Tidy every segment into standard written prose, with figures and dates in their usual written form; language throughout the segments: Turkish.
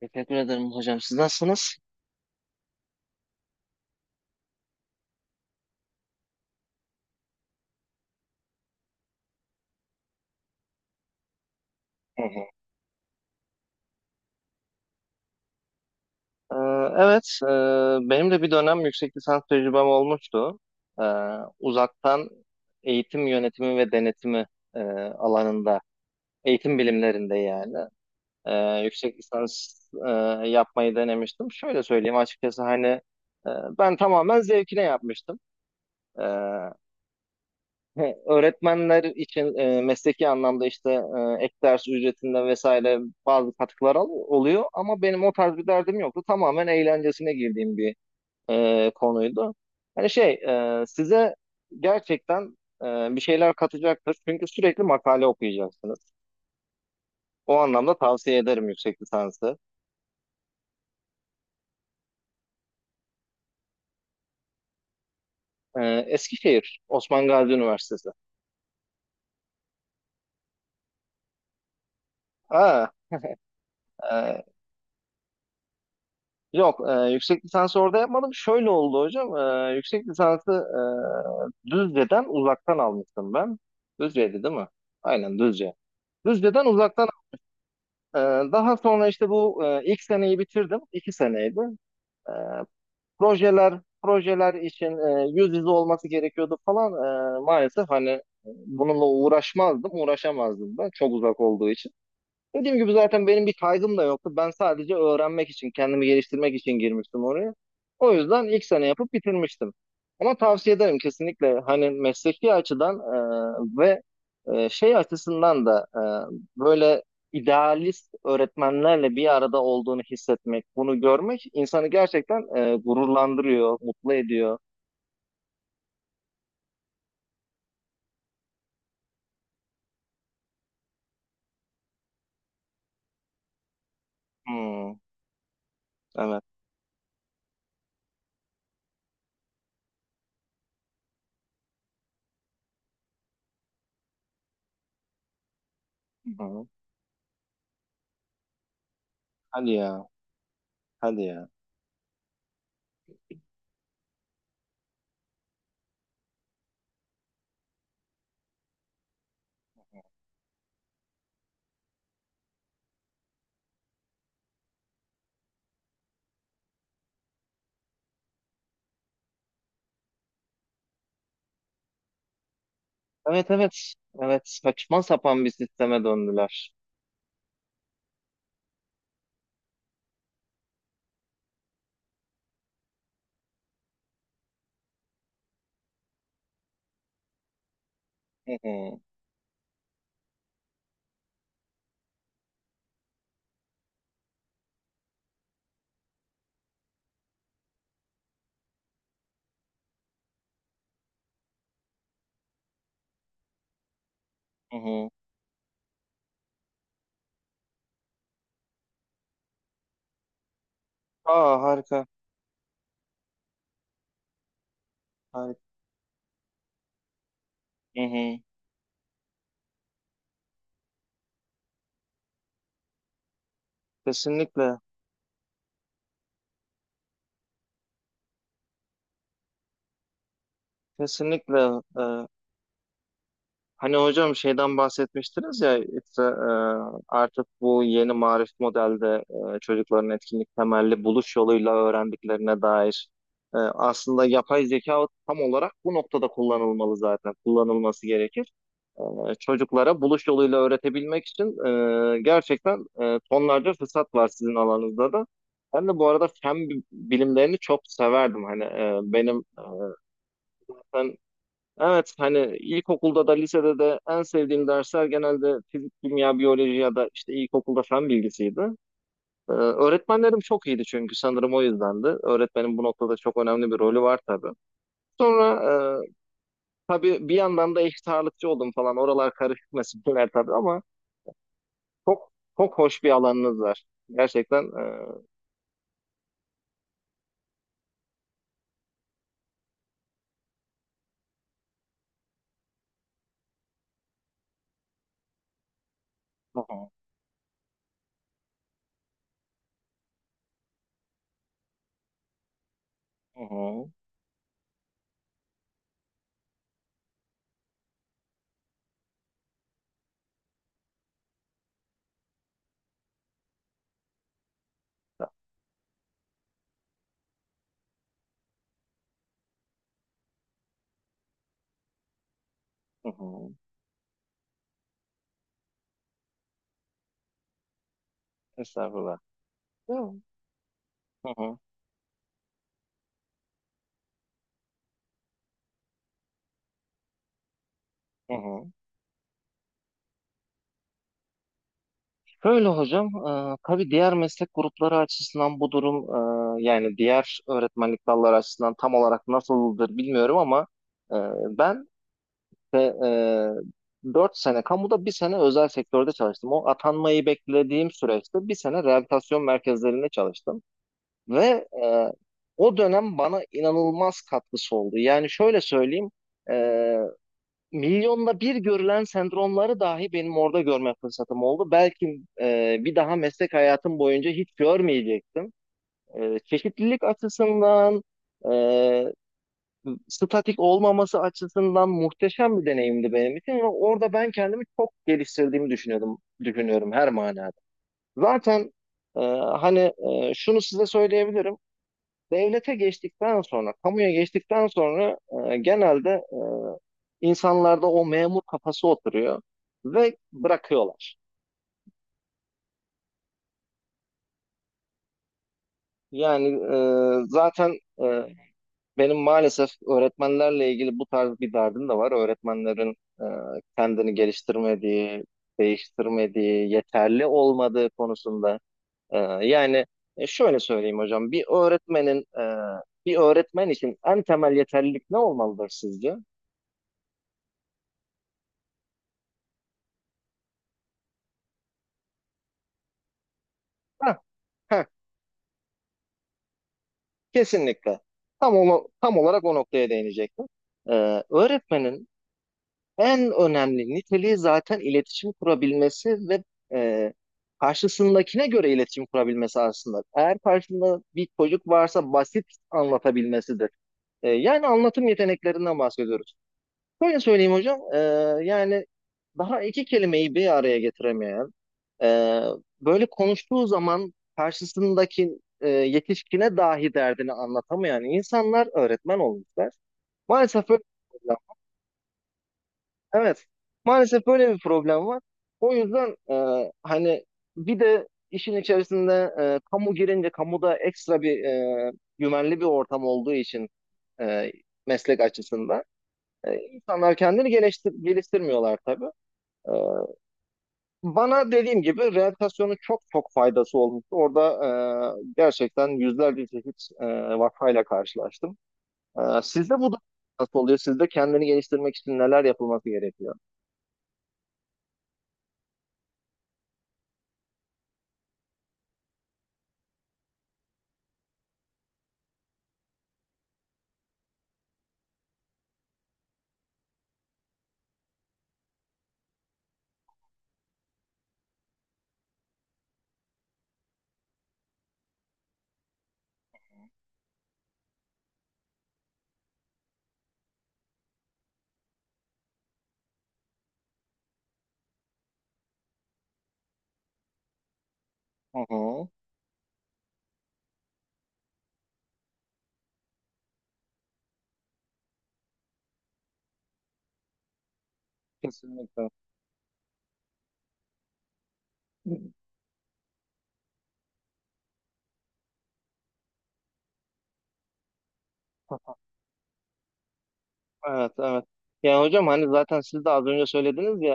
Teşekkür ederim hocam. Siz nasılsınız? Hı hı. Ee, evet, benim de bir dönem yüksek lisans tecrübem olmuştu. Ee, Uzaktan eğitim yönetimi ve denetimi e, alanında, eğitim bilimlerinde yani. e, Yüksek lisans e, yapmayı denemiştim. Şöyle söyleyeyim açıkçası hani ben tamamen zevkine yapmıştım. Ee, He, öğretmenler için mesleki anlamda işte ek ders ücretinde vesaire bazı katkılar oluyor ama benim o tarz bir derdim yoktu. Tamamen eğlencesine girdiğim bir konuydu. Hani şey size gerçekten bir şeyler katacaktır çünkü sürekli makale okuyacaksınız. O anlamda tavsiye ederim yüksek lisansı. Eskişehir, Osman Gazi Üniversitesi. Aa. e, Yok, yüksek lisansı orada yapmadım. Şöyle oldu hocam. Yüksek lisansı Düzce'den uzaktan almıştım ben. Düzce'ydi değil mi? Aynen Düzce. Düzce'den uzaktan e, daha sonra işte bu ilk seneyi bitirdim. 2 seneydi. E, projeler için yüz yüze olması gerekiyordu falan. Maalesef hani bununla uğraşmazdım, uğraşamazdım ben. Çok uzak olduğu için. Dediğim gibi zaten benim bir kaygım da yoktu. Ben sadece öğrenmek için, kendimi geliştirmek için girmiştim oraya. O yüzden ilk sene yapıp bitirmiştim. Ama tavsiye ederim kesinlikle hani mesleki açıdan ve şey açısından da böyle idealist öğretmenlerle bir arada olduğunu hissetmek, bunu görmek insanı gerçekten gururlandırıyor, mutlu ediyor. Hmm, evet. Hı. Hadi ya, hadi ya. Evet, evet, evet, saçma sapan bir sisteme döndüler. Hı hı. Hı hı. Aa, harika. Harika. Hı hı. Kesinlikle. Kesinlikle. Hani hocam şeyden bahsetmiştiniz ya işte, artık bu yeni marif modelde çocukların etkinlik temelli buluş yoluyla öğrendiklerine dair aslında yapay zeka tam olarak bu noktada kullanılmalı zaten kullanılması gerekir. Çocuklara buluş yoluyla öğretebilmek için gerçekten tonlarca fırsat var sizin alanınızda da. Ben de bu arada fen bilimlerini çok severdim. Hani e, benim Evet, hani ilkokulda da lisede de en sevdiğim dersler genelde fizik, kimya, biyoloji ya da işte ilkokulda fen bilgisiydi. Öğretmenlerim çok iyiydi çünkü sanırım o yüzdendi. Öğretmenin bu noktada çok önemli bir rolü var tabii. Sonra e, tabii bir yandan da eşit ağırlıkçı oldum falan. Oralar karışık meseleler tabii ama çok çok hoş bir alanınız var. Gerçekten. Hı hı, hı hı, hı hı, estağfurullah. Hı hı, hı hı. Şöyle hocam, tabii diğer meslek grupları açısından bu durum yani diğer öğretmenlik dalları açısından tam olarak nasıldır bilmiyorum ama e, ben de, 4 sene kamuda bir sene özel sektörde çalıştım. O atanmayı beklediğim süreçte bir sene rehabilitasyon merkezlerinde çalıştım ve o dönem bana inanılmaz katkısı oldu. Yani şöyle söyleyeyim, milyonda bir görülen sendromları dahi benim orada görme fırsatım oldu. Belki bir daha meslek hayatım boyunca hiç görmeyecektim. Çeşitlilik açısından, e, statik olmaması açısından muhteşem bir deneyimdi benim için. Ve orada ben kendimi çok geliştirdiğimi düşünüyordum, düşünüyorum her manada. Zaten e, hani şunu size söyleyebilirim. Devlete geçtikten sonra, kamuya geçtikten sonra genelde insanlarda o memur kafası oturuyor ve bırakıyorlar. Yani zaten benim maalesef öğretmenlerle ilgili bu tarz bir derdim de var. Öğretmenlerin e, kendini geliştirmediği, değiştirmediği, yeterli olmadığı konusunda. E, Yani şöyle söyleyeyim hocam, bir öğretmen için en temel yeterlilik ne olmalıdır sizce? Heh, heh. Kesinlikle. Tam olarak o noktaya değinecektim. Öğretmenin en önemli niteliği zaten iletişim kurabilmesi ve e, karşısındakine göre iletişim kurabilmesi aslında. Eğer karşında bir çocuk varsa basit anlatabilmesidir. Yani anlatım yeteneklerinden bahsediyoruz. Şöyle söyleyeyim hocam, yani daha iki kelimeyi bir araya getiremeyen, e, böyle konuştuğu zaman karşısındaki yetişkine dahi derdini anlatamayan insanlar öğretmen olmuşlar. Maalesef böyle bir problem. Evet, maalesef böyle bir problem var. O yüzden hani bir de işin içerisinde kamu girince kamuda ekstra bir güvenli bir ortam olduğu için e, meslek açısından. İnsanlar kendini geliştirmiyorlar tabii. E, Bana dediğim gibi rehabilitasyonun çok çok faydası olmuştu. Orada gerçekten yüzlerce çeşit vakayla karşılaştım. Sizde bu da nasıl oluyor? Sizde kendini geliştirmek için neler yapılması gerekiyor? Hı hı. Kesinlikle. Evet, evet. Yani hocam hani zaten siz de az önce söylediniz ya,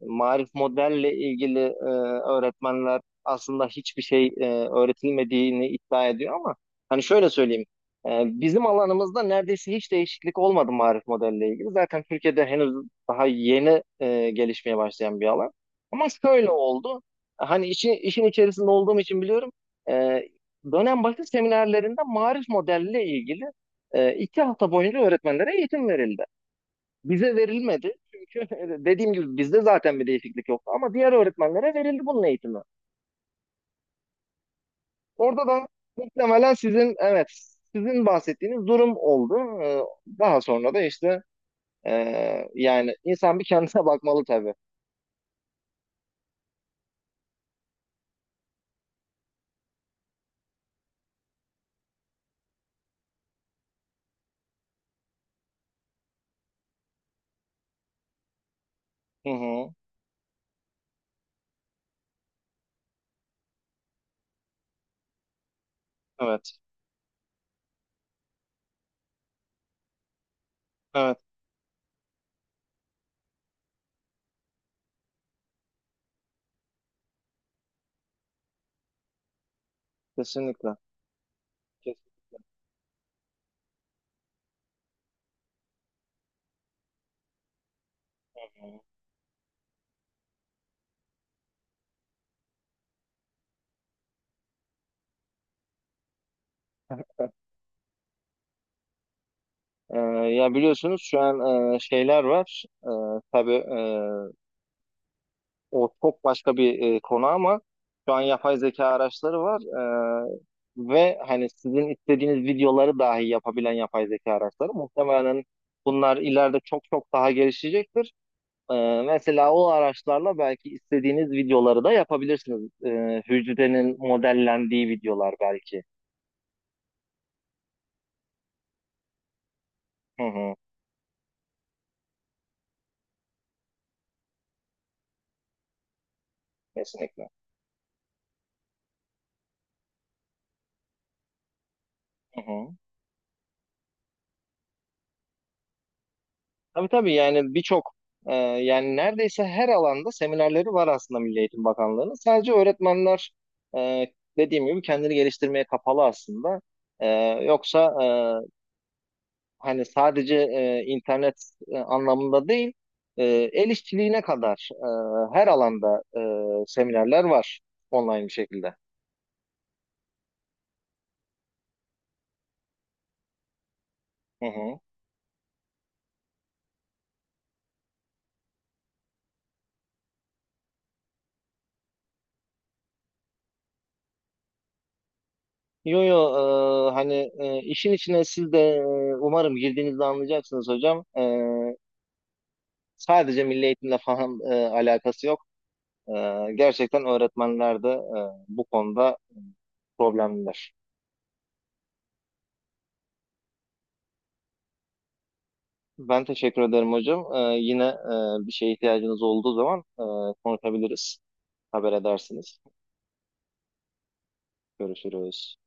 e, Marif modelle ilgili öğretmenler aslında hiçbir şey öğretilmediğini iddia ediyor ama hani şöyle söyleyeyim. e, Bizim alanımızda neredeyse hiç değişiklik olmadı marif modelle ilgili. Zaten Türkiye'de henüz daha yeni gelişmeye başlayan bir alan. Ama şöyle oldu. Hani işin içerisinde olduğum için biliyorum. E, Dönem başı seminerlerinde marif modelle ilgili 2 hafta boyunca öğretmenlere eğitim verildi. Bize verilmedi. Çünkü dediğim gibi bizde zaten bir değişiklik yoktu. Ama diğer öğretmenlere verildi bunun eğitimi. Orada da muhtemelen sizin, evet, sizin bahsettiğiniz durum oldu. Daha sonra da işte yani insan bir kendine bakmalı tabii. Hı hı. Evet. Evet. Kesinlikle. Kesin. Ee, Ya biliyorsunuz şu an şeyler var. Tabii, o çok başka bir konu ama şu an yapay zeka araçları var, e, ve hani sizin istediğiniz videoları dahi yapabilen yapay zeka araçları muhtemelen bunlar ileride çok çok daha gelişecektir. E, Mesela o araçlarla belki istediğiniz videoları da yapabilirsiniz. Hücrenin modellendiği videolar belki. Hı hı, kesinlikle. Hı hı. Tabii tabii, yani birçok yani neredeyse her alanda seminerleri var aslında Milli Eğitim Bakanlığı'nın. Sadece öğretmenler e, dediğim gibi kendini geliştirmeye kapalı aslında. E, Yoksa hani sadece internet anlamında değil e, el işçiliğine kadar her alanda seminerler var online bir şekilde. Hı hı. Yo yo, hani işin içine siz de umarım girdiğinizde anlayacaksınız hocam. Sadece milli eğitimle falan alakası yok. E, Gerçekten öğretmenler de bu konuda problemliler. Ben teşekkür ederim hocam. Yine bir şeye ihtiyacınız olduğu zaman konuşabiliriz. Haber edersiniz. Görüşürüz.